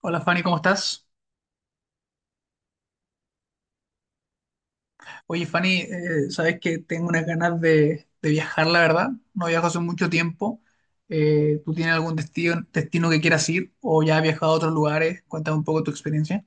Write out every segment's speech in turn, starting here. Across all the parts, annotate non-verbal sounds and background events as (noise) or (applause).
Hola Fanny, ¿cómo estás? Oye Fanny, sabes que tengo unas ganas de viajar, la verdad. No viajo hace mucho tiempo. ¿Tú tienes algún destino que quieras ir o ya has viajado a otros lugares? Cuéntame un poco tu experiencia.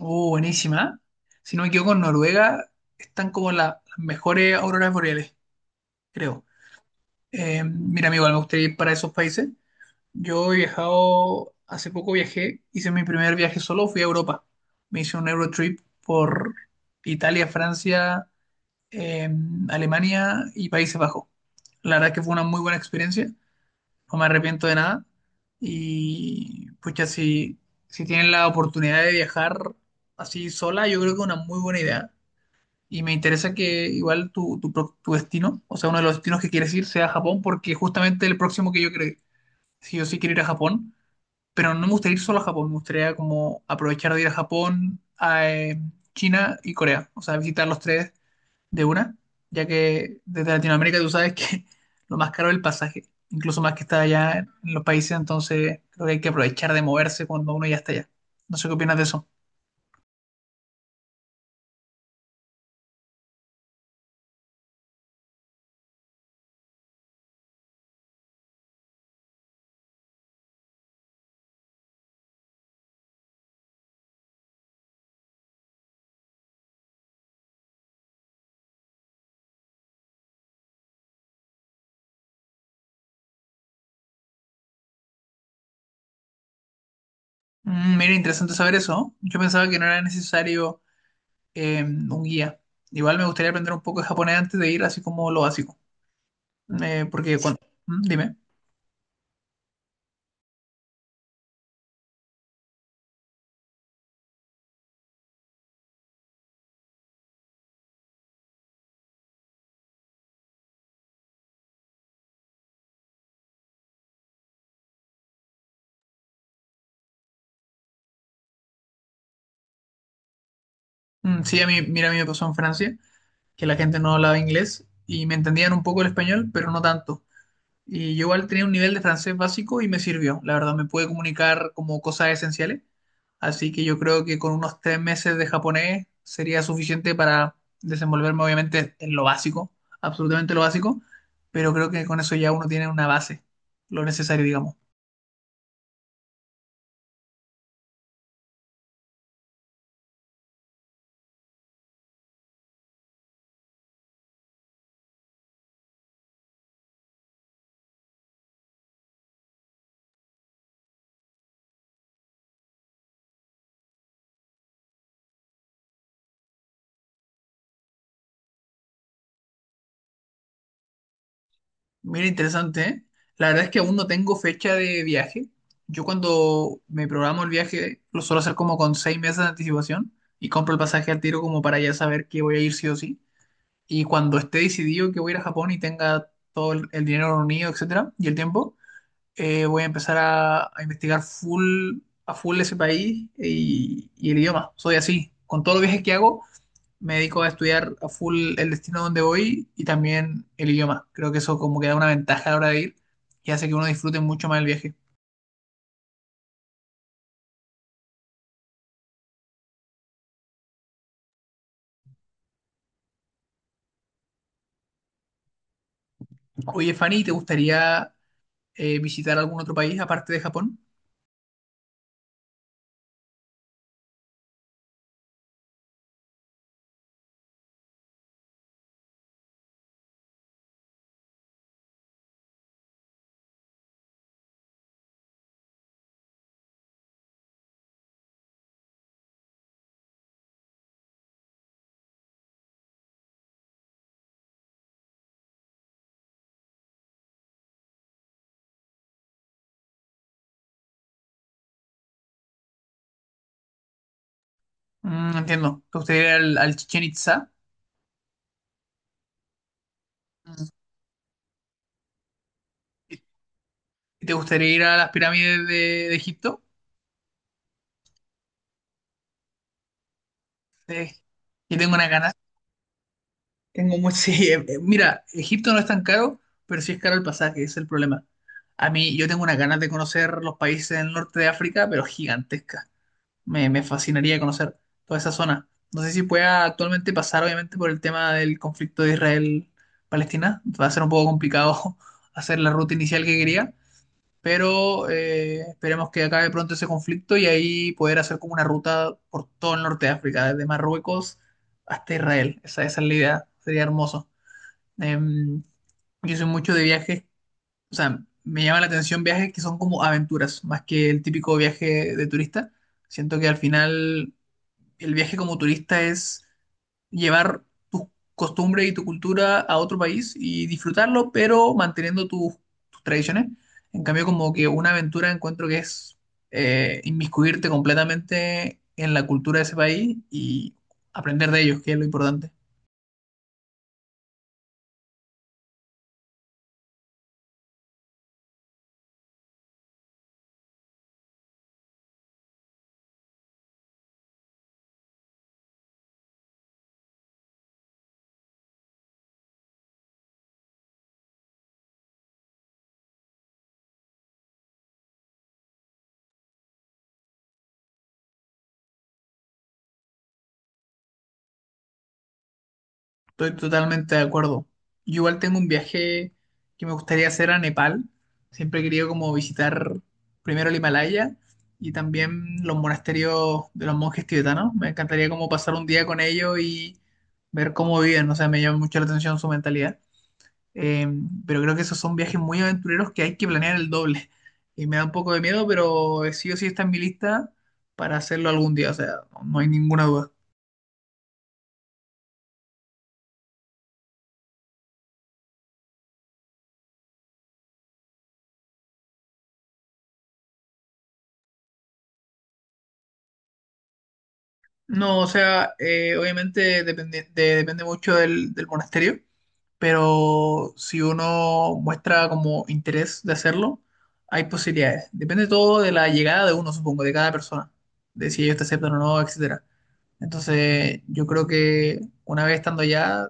Oh, buenísima. Si no me equivoco, en Noruega están como las mejores auroras boreales, creo. Mira, amigo, me gustaría ir para esos países. Yo he viajado, hace poco viajé, hice mi primer viaje solo, fui a Europa. Me hice un Eurotrip por Italia, Francia. eh, Alemania y Países Bajos. La verdad es que fue una muy buena experiencia, no me arrepiento de nada. Y pucha, si, si tienen la oportunidad de viajar así sola, yo creo que es una muy buena idea. Y me interesa que igual tu destino, o sea, uno de los destinos que quieres ir sea Japón, porque justamente el próximo que yo creo, si yo sí quiero ir a Japón, pero no me gustaría ir solo a Japón, me gustaría como aprovechar de ir a Japón, a China y Corea, o sea, visitar los tres de una, ya que desde Latinoamérica tú sabes que (laughs) lo más caro es el pasaje, incluso más que estar allá en los países, entonces creo que hay que aprovechar de moverse cuando uno ya está allá. No sé qué opinas de eso. Mm, mira, interesante saber eso, ¿no? Yo pensaba que no era necesario un guía. Igual me gustaría aprender un poco de japonés antes de ir, así como lo básico. Porque cuando... Mm, dime. Mm, sí, mira, a mí me pasó en Francia, que la gente no hablaba inglés y me entendían un poco el español, pero no tanto. Y yo igual tenía un nivel de francés básico y me sirvió. La verdad, me pude comunicar como cosas esenciales. Así que yo creo que con unos 3 meses de japonés sería suficiente para desenvolverme, obviamente, en lo básico, absolutamente lo básico. Pero creo que con eso ya uno tiene una base, lo necesario, digamos. Mira, interesante, ¿eh? La verdad es que aún no tengo fecha de viaje. Yo cuando me programo el viaje lo suelo hacer como con 6 meses de anticipación y compro el pasaje al tiro como para ya saber que voy a ir sí o sí. Y cuando esté decidido que voy a ir a Japón y tenga todo el dinero reunido, etcétera, y el tiempo, voy a empezar a investigar full, a full ese país y el idioma. Soy así. Con todos los viajes que hago, me dedico a estudiar a full el destino donde voy y también el idioma. Creo que eso como que da una ventaja a la hora de ir y hace que uno disfrute mucho más el viaje. Oye, Fanny, ¿te gustaría visitar algún otro país aparte de Japón? Mm, entiendo. ¿Te gustaría ir al Chichén Itzá? Mm. ¿Te gustaría ir a las pirámides de Egipto? Eh, yo tengo una ganas. Tengo muy... (laughs) sí, mira, Egipto no es tan caro, pero sí es caro el pasaje, ese es el problema. A mí, yo tengo unas ganas de conocer los países del norte de África, pero gigantescas. Me fascinaría conocer toda esa zona. No sé si pueda actualmente pasar, obviamente, por el tema del conflicto de Israel-Palestina. Va a ser un poco complicado (laughs) hacer la ruta inicial que quería, pero esperemos que acabe pronto ese conflicto y ahí poder hacer como una ruta por todo el norte de África, desde Marruecos hasta Israel. Esa es la idea, sería hermoso. Em, yo soy mucho de viajes, o sea, me llama la atención viajes que son como aventuras, más que el típico viaje de turista. Siento que al final el viaje como turista es llevar tus costumbres y tu cultura a otro país y disfrutarlo, pero manteniendo tus tradiciones. En cambio, como que una aventura encuentro que es inmiscuirte completamente en la cultura de ese país y aprender de ellos, que es lo importante. Estoy totalmente de acuerdo. Yo igual tengo un viaje que me gustaría hacer a Nepal. Siempre he querido como visitar primero el Himalaya y también los monasterios de los monjes tibetanos. Me encantaría como pasar un día con ellos y ver cómo viven. O sea, me llama mucho la atención su mentalidad. Eh, pero creo que esos son viajes muy aventureros que hay que planear el doble. Y me da un poco de miedo, pero sí o sí está en mi lista para hacerlo algún día. O sea, no hay ninguna duda. No, o sea, obviamente depende mucho del monasterio, pero si uno muestra como interés de hacerlo, hay posibilidades. Depende todo de la llegada de uno, supongo, de cada persona, de si ellos te aceptan o no, etcétera. Entonces, yo creo que una vez estando allá,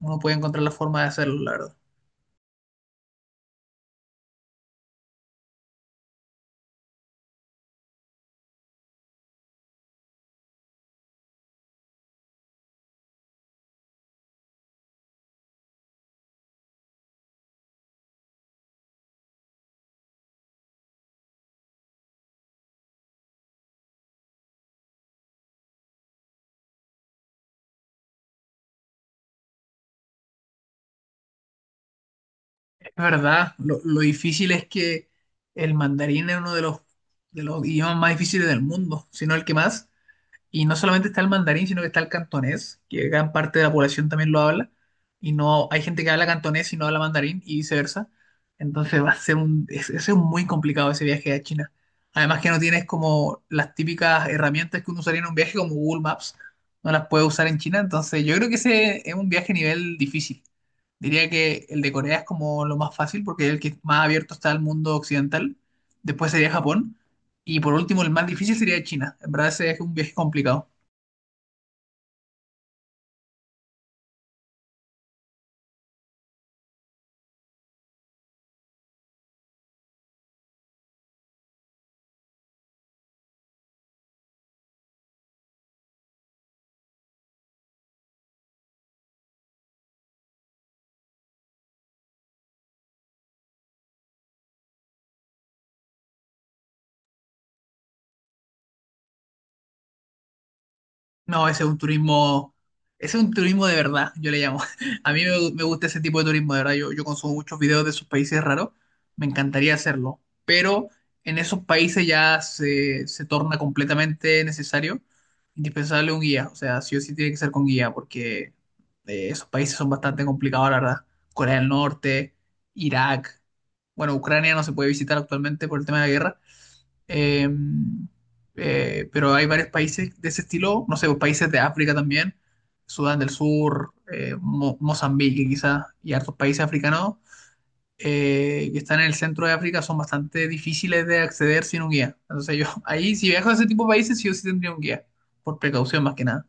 uno puede encontrar la forma de hacerlo, la verdad. Es verdad, lo difícil es que el mandarín es uno de de los idiomas más difíciles del mundo, si no el que más. Y no solamente está el mandarín, sino que está el cantonés, que gran parte de la población también lo habla. Y no hay gente que habla cantonés y no habla mandarín y viceversa. Entonces va a ser ese es un muy complicado ese viaje a China. Además que no tienes como las típicas herramientas que uno usaría en un viaje como Google Maps, no las puedes usar en China. Entonces yo creo que ese es un viaje a nivel difícil. Diría que el de Corea es como lo más fácil porque es el que más abierto está al mundo occidental. Después sería Japón. Y por último, el más difícil sería China. En verdad, ese es un viaje complicado. No, ese es un turismo, ese es un turismo de verdad, yo le llamo. (laughs) A mí me gusta ese tipo de turismo, de verdad. Yo consumo muchos videos de esos países raros. Me encantaría hacerlo. Pero en esos países ya se torna completamente necesario, indispensable un guía. O sea, sí o sí tiene que ser con guía, porque esos países son bastante complicados, la verdad. Corea del Norte, Irak. Bueno, Ucrania no se puede visitar actualmente por el tema de la guerra. Eh, pero hay varios países de ese estilo, no sé, países de África también, Sudán del Sur, Mozambique quizás, y hartos países africanos que están en el centro de África son bastante difíciles de acceder sin un guía. Entonces yo, (laughs) ahí si viajo a ese tipo de países, sí o sí tendría un guía, por precaución más que nada.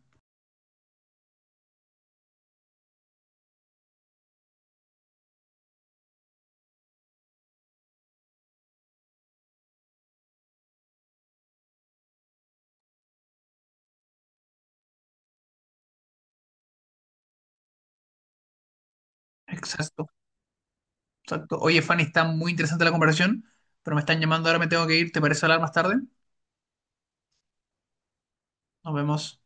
Exacto, exacto. Oye, Fanny, está muy interesante la conversación, pero me están llamando, ahora me tengo que ir, ¿te parece hablar más tarde? Nos vemos.